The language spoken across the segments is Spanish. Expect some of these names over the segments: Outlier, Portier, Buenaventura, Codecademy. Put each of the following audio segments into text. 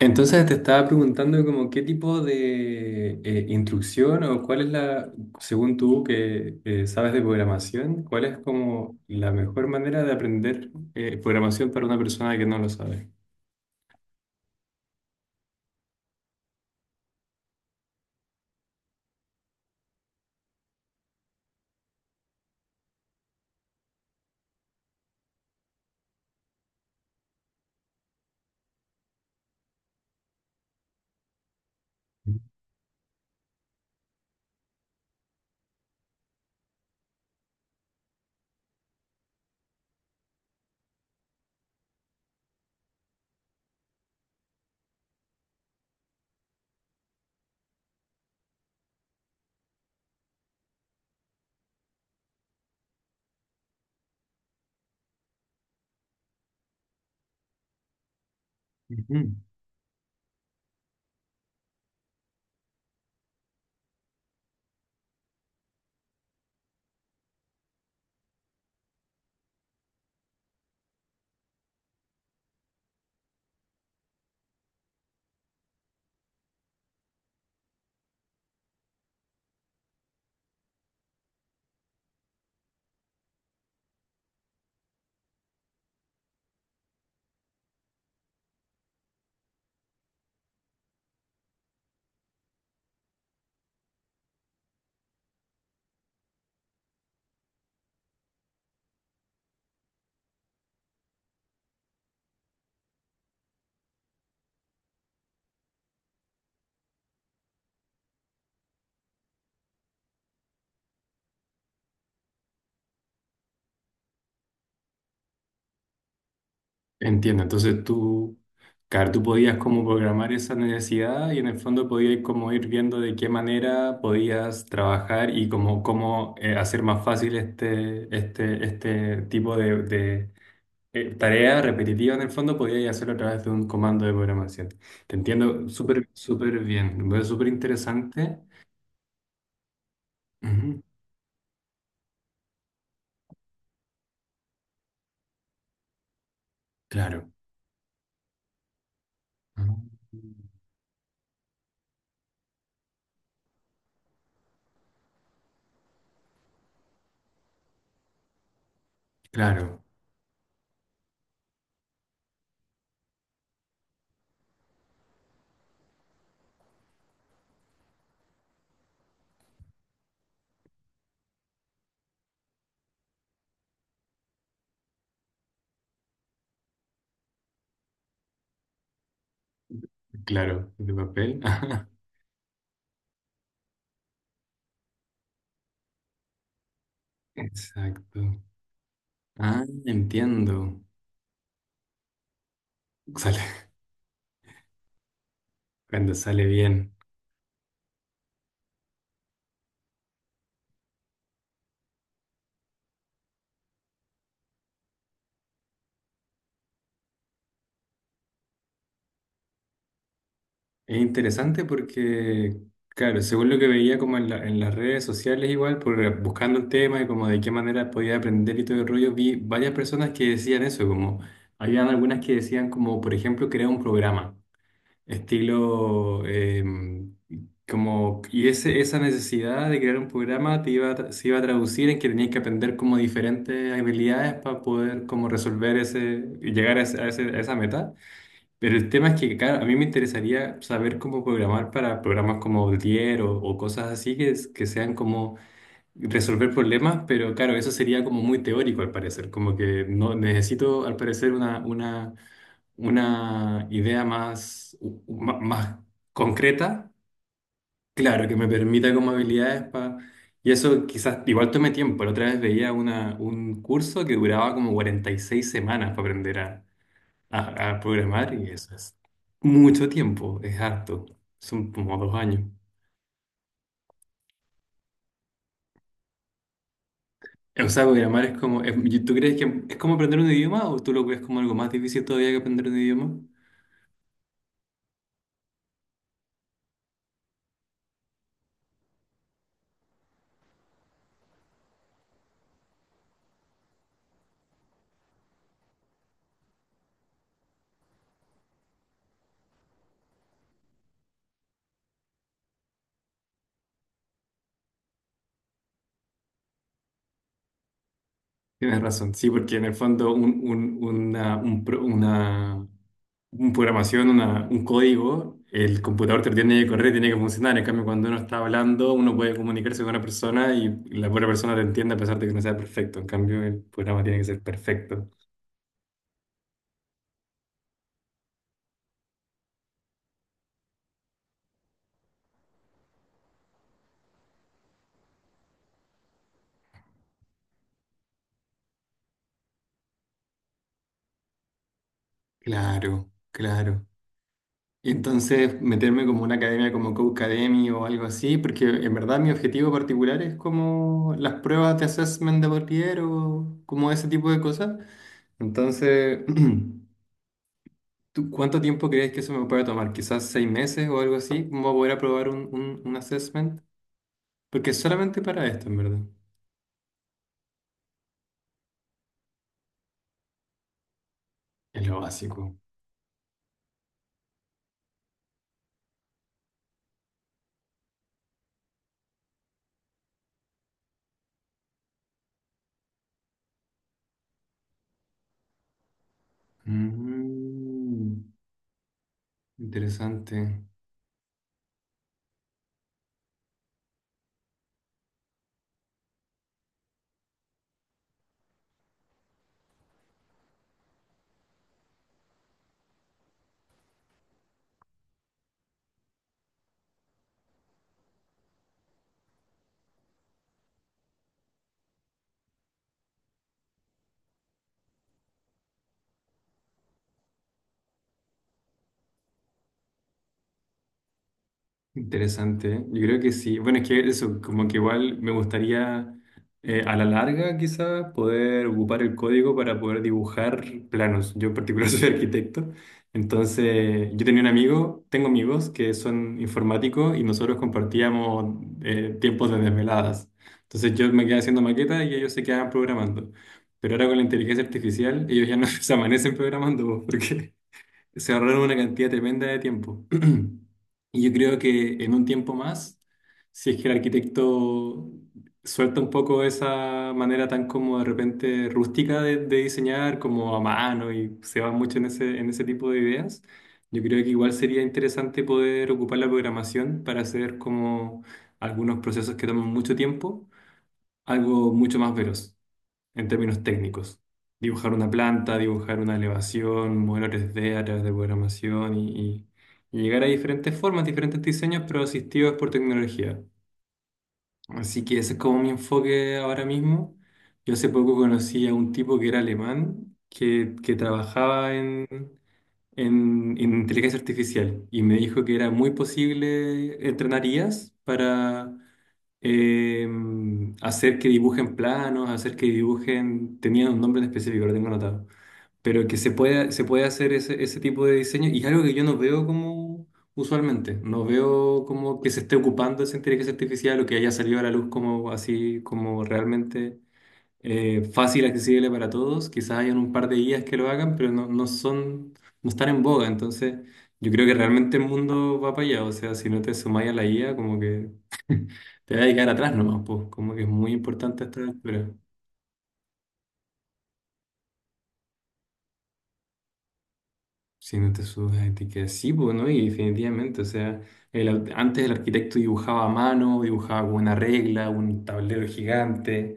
Entonces te estaba preguntando como qué tipo de instrucción o cuál es la, según tú que sabes de programación, cuál es como la mejor manera de aprender programación para una persona que no lo sabe. Ujú. Entiendo, entonces tú, claro, tú podías como programar esa necesidad y en el fondo podías como ir viendo de qué manera podías trabajar y como cómo hacer más fácil este tipo de tarea repetitiva en el fondo podías hacerlo a través de un comando de programación. Te entiendo súper, súper bien. Me parece súper interesante. Ujú. Claro. Ah. Claro, claro. De papel. Exacto. Ah, entiendo. Sale, cuando sale bien. Es interesante porque, claro, según lo que veía como en, en las redes sociales igual, por, buscando el tema y como de qué manera podía aprender y todo el rollo, vi varias personas que decían eso, como, habían algunas que decían como, por ejemplo, crear un programa, estilo, como, y ese, esa necesidad de crear un programa te iba a se iba a traducir en que tenías que aprender como diferentes habilidades para poder como resolver ese, y llegar a, a esa meta. Pero el tema es que, claro, a mí me interesaría saber cómo programar para programas como Outlier o cosas así que, que sean como resolver problemas, pero claro, eso sería como muy teórico al parecer, como que no necesito al parecer una idea más, más concreta, claro, que me permita como habilidades para... Y eso quizás igual tome tiempo. La otra vez veía una, un curso que duraba como 46 semanas para aprender a programar y eso es mucho tiempo, es harto, son como 2 años. O sea, programar es como, y ¿tú crees que es como aprender un idioma o tú lo ves como algo más difícil todavía que aprender un idioma? Tienes razón, sí, porque en el fondo un un programación, una, un código, el computador te lo tiene que correr, tiene que funcionar. En cambio, cuando uno está hablando, uno puede comunicarse con una persona y la otra persona te entiende a pesar de que no sea perfecto. En cambio, el programa tiene que ser perfecto. Claro, claro. Y entonces meterme como una academia como Codecademy o algo así, porque en verdad mi objetivo particular es como las pruebas de assessment de Portier o como ese tipo de cosas. Entonces, ¿tú cuánto tiempo crees que eso me puede tomar? Quizás 6 meses o algo así, ¿cómo voy a poder aprobar un assessment? Porque es solamente para esto, en verdad. Es lo básico. Mm, interesante. Interesante, ¿eh? Yo creo que sí. Bueno, es que eso, como que igual me gustaría a la larga quizá poder ocupar el código para poder dibujar planos. Yo en particular soy arquitecto, entonces yo tenía un amigo, tengo amigos que son informáticos y nosotros compartíamos tiempos de desveladas. Entonces yo me quedaba haciendo maquetas y ellos se quedaban programando. Pero ahora con la inteligencia artificial ellos ya no se amanecen programando porque se ahorraron una cantidad tremenda de tiempo. Y yo creo que en un tiempo más, si es que el arquitecto suelta un poco esa manera tan como de repente rústica de diseñar, como a mano, y se va mucho en ese tipo de ideas, yo creo que igual sería interesante poder ocupar la programación para hacer como algunos procesos que toman mucho tiempo algo mucho más veloz en términos técnicos. Dibujar una planta, dibujar una elevación, modelo tres d a través de programación y, y llegar a diferentes formas, diferentes diseños, pero asistidos por tecnología. Así que ese es como mi enfoque ahora mismo. Yo hace poco conocí a un tipo que era alemán, que trabajaba en inteligencia artificial y me dijo que era muy posible entrenar IAs para eh, hacer que dibujen planos, hacer que dibujen, tenían un nombre en específico, lo tengo anotado, pero que se puede hacer ese, ese tipo de diseño y es algo que yo no veo como usualmente, no veo como que se esté ocupando esa inteligencia artificial o que haya salido a la luz como así, como realmente fácil, accesible para todos, quizás hayan un par de guías que lo hagan, pero no, no son, no están en boga, entonces... Yo creo que realmente el mundo va para allá, o sea, si no te sumáis a la IA, como que te vas a quedar atrás nomás, pues, como que es muy importante a esta altura. Si no te subes a etiquetas sí, pues, ¿no? Y definitivamente, o sea, antes el arquitecto dibujaba a mano, dibujaba con una regla, un tablero gigante,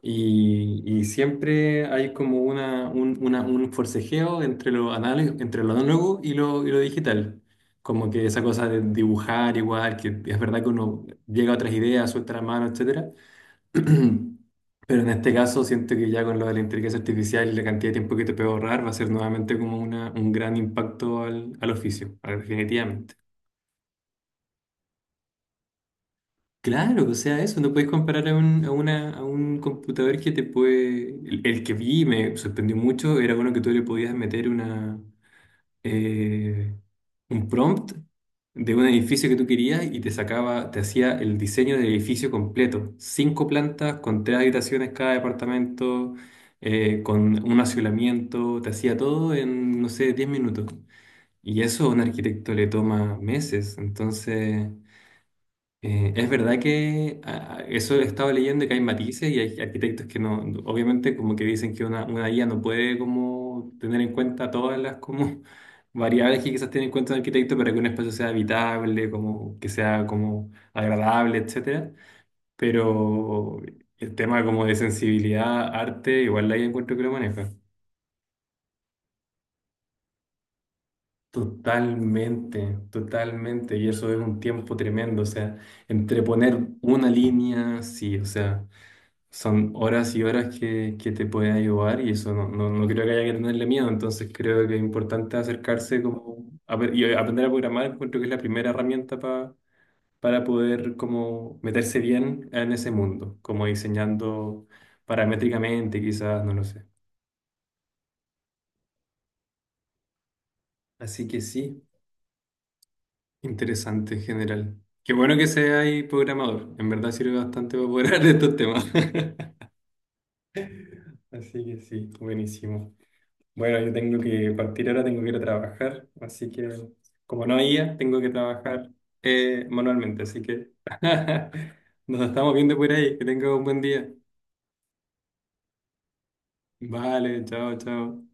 y siempre hay como un forcejeo entre lo análogo y lo digital. Como que esa cosa de dibujar igual, que es verdad que uno llega a otras ideas, suelta la mano, etcétera. Pero en este caso siento que ya con lo de la inteligencia artificial y la cantidad de tiempo que te puede ahorrar va a ser nuevamente como un gran impacto al, al oficio, definitivamente. Claro, o sea, eso, no puedes comparar a un, a una, a un computador que te puede... el que vi y me sorprendió mucho era uno que tú le podías meter una... eh, un prompt de un edificio que tú querías y te sacaba, te hacía el diseño del edificio completo. Cinco plantas, con 3 habitaciones cada departamento, con un aislamiento, te hacía todo en, no sé, 10 minutos. Y eso a un arquitecto le toma meses. Entonces. Es verdad que eso he estado leyendo que hay matices y hay arquitectos que no, obviamente como que dicen que una guía no puede como tener en cuenta todas las como variables que quizás tiene en cuenta un arquitecto para que un espacio sea habitable, como que sea como agradable, etcétera. Pero el tema como de sensibilidad, arte, igual la ahí encuentro que lo maneja. Totalmente, totalmente. Y eso es un tiempo tremendo, o sea, entre poner una línea, sí, o sea. Son horas y horas que te pueden ayudar y eso no, no, no creo que haya que tenerle miedo, entonces creo que es importante acercarse como a y aprender a programar, encuentro que es la primera herramienta para poder como meterse bien en ese mundo, como diseñando paramétricamente quizás, no lo sé. Así que sí, interesante en general. Qué bueno que seas programador, en verdad sirve bastante para poder hablar de estos temas. Así que sí, buenísimo. Bueno, yo tengo que partir ahora, tengo que ir a trabajar, así que como no había, tengo que trabajar manualmente, así que nos estamos viendo por ahí, que tenga un buen día. Vale, chao, chao.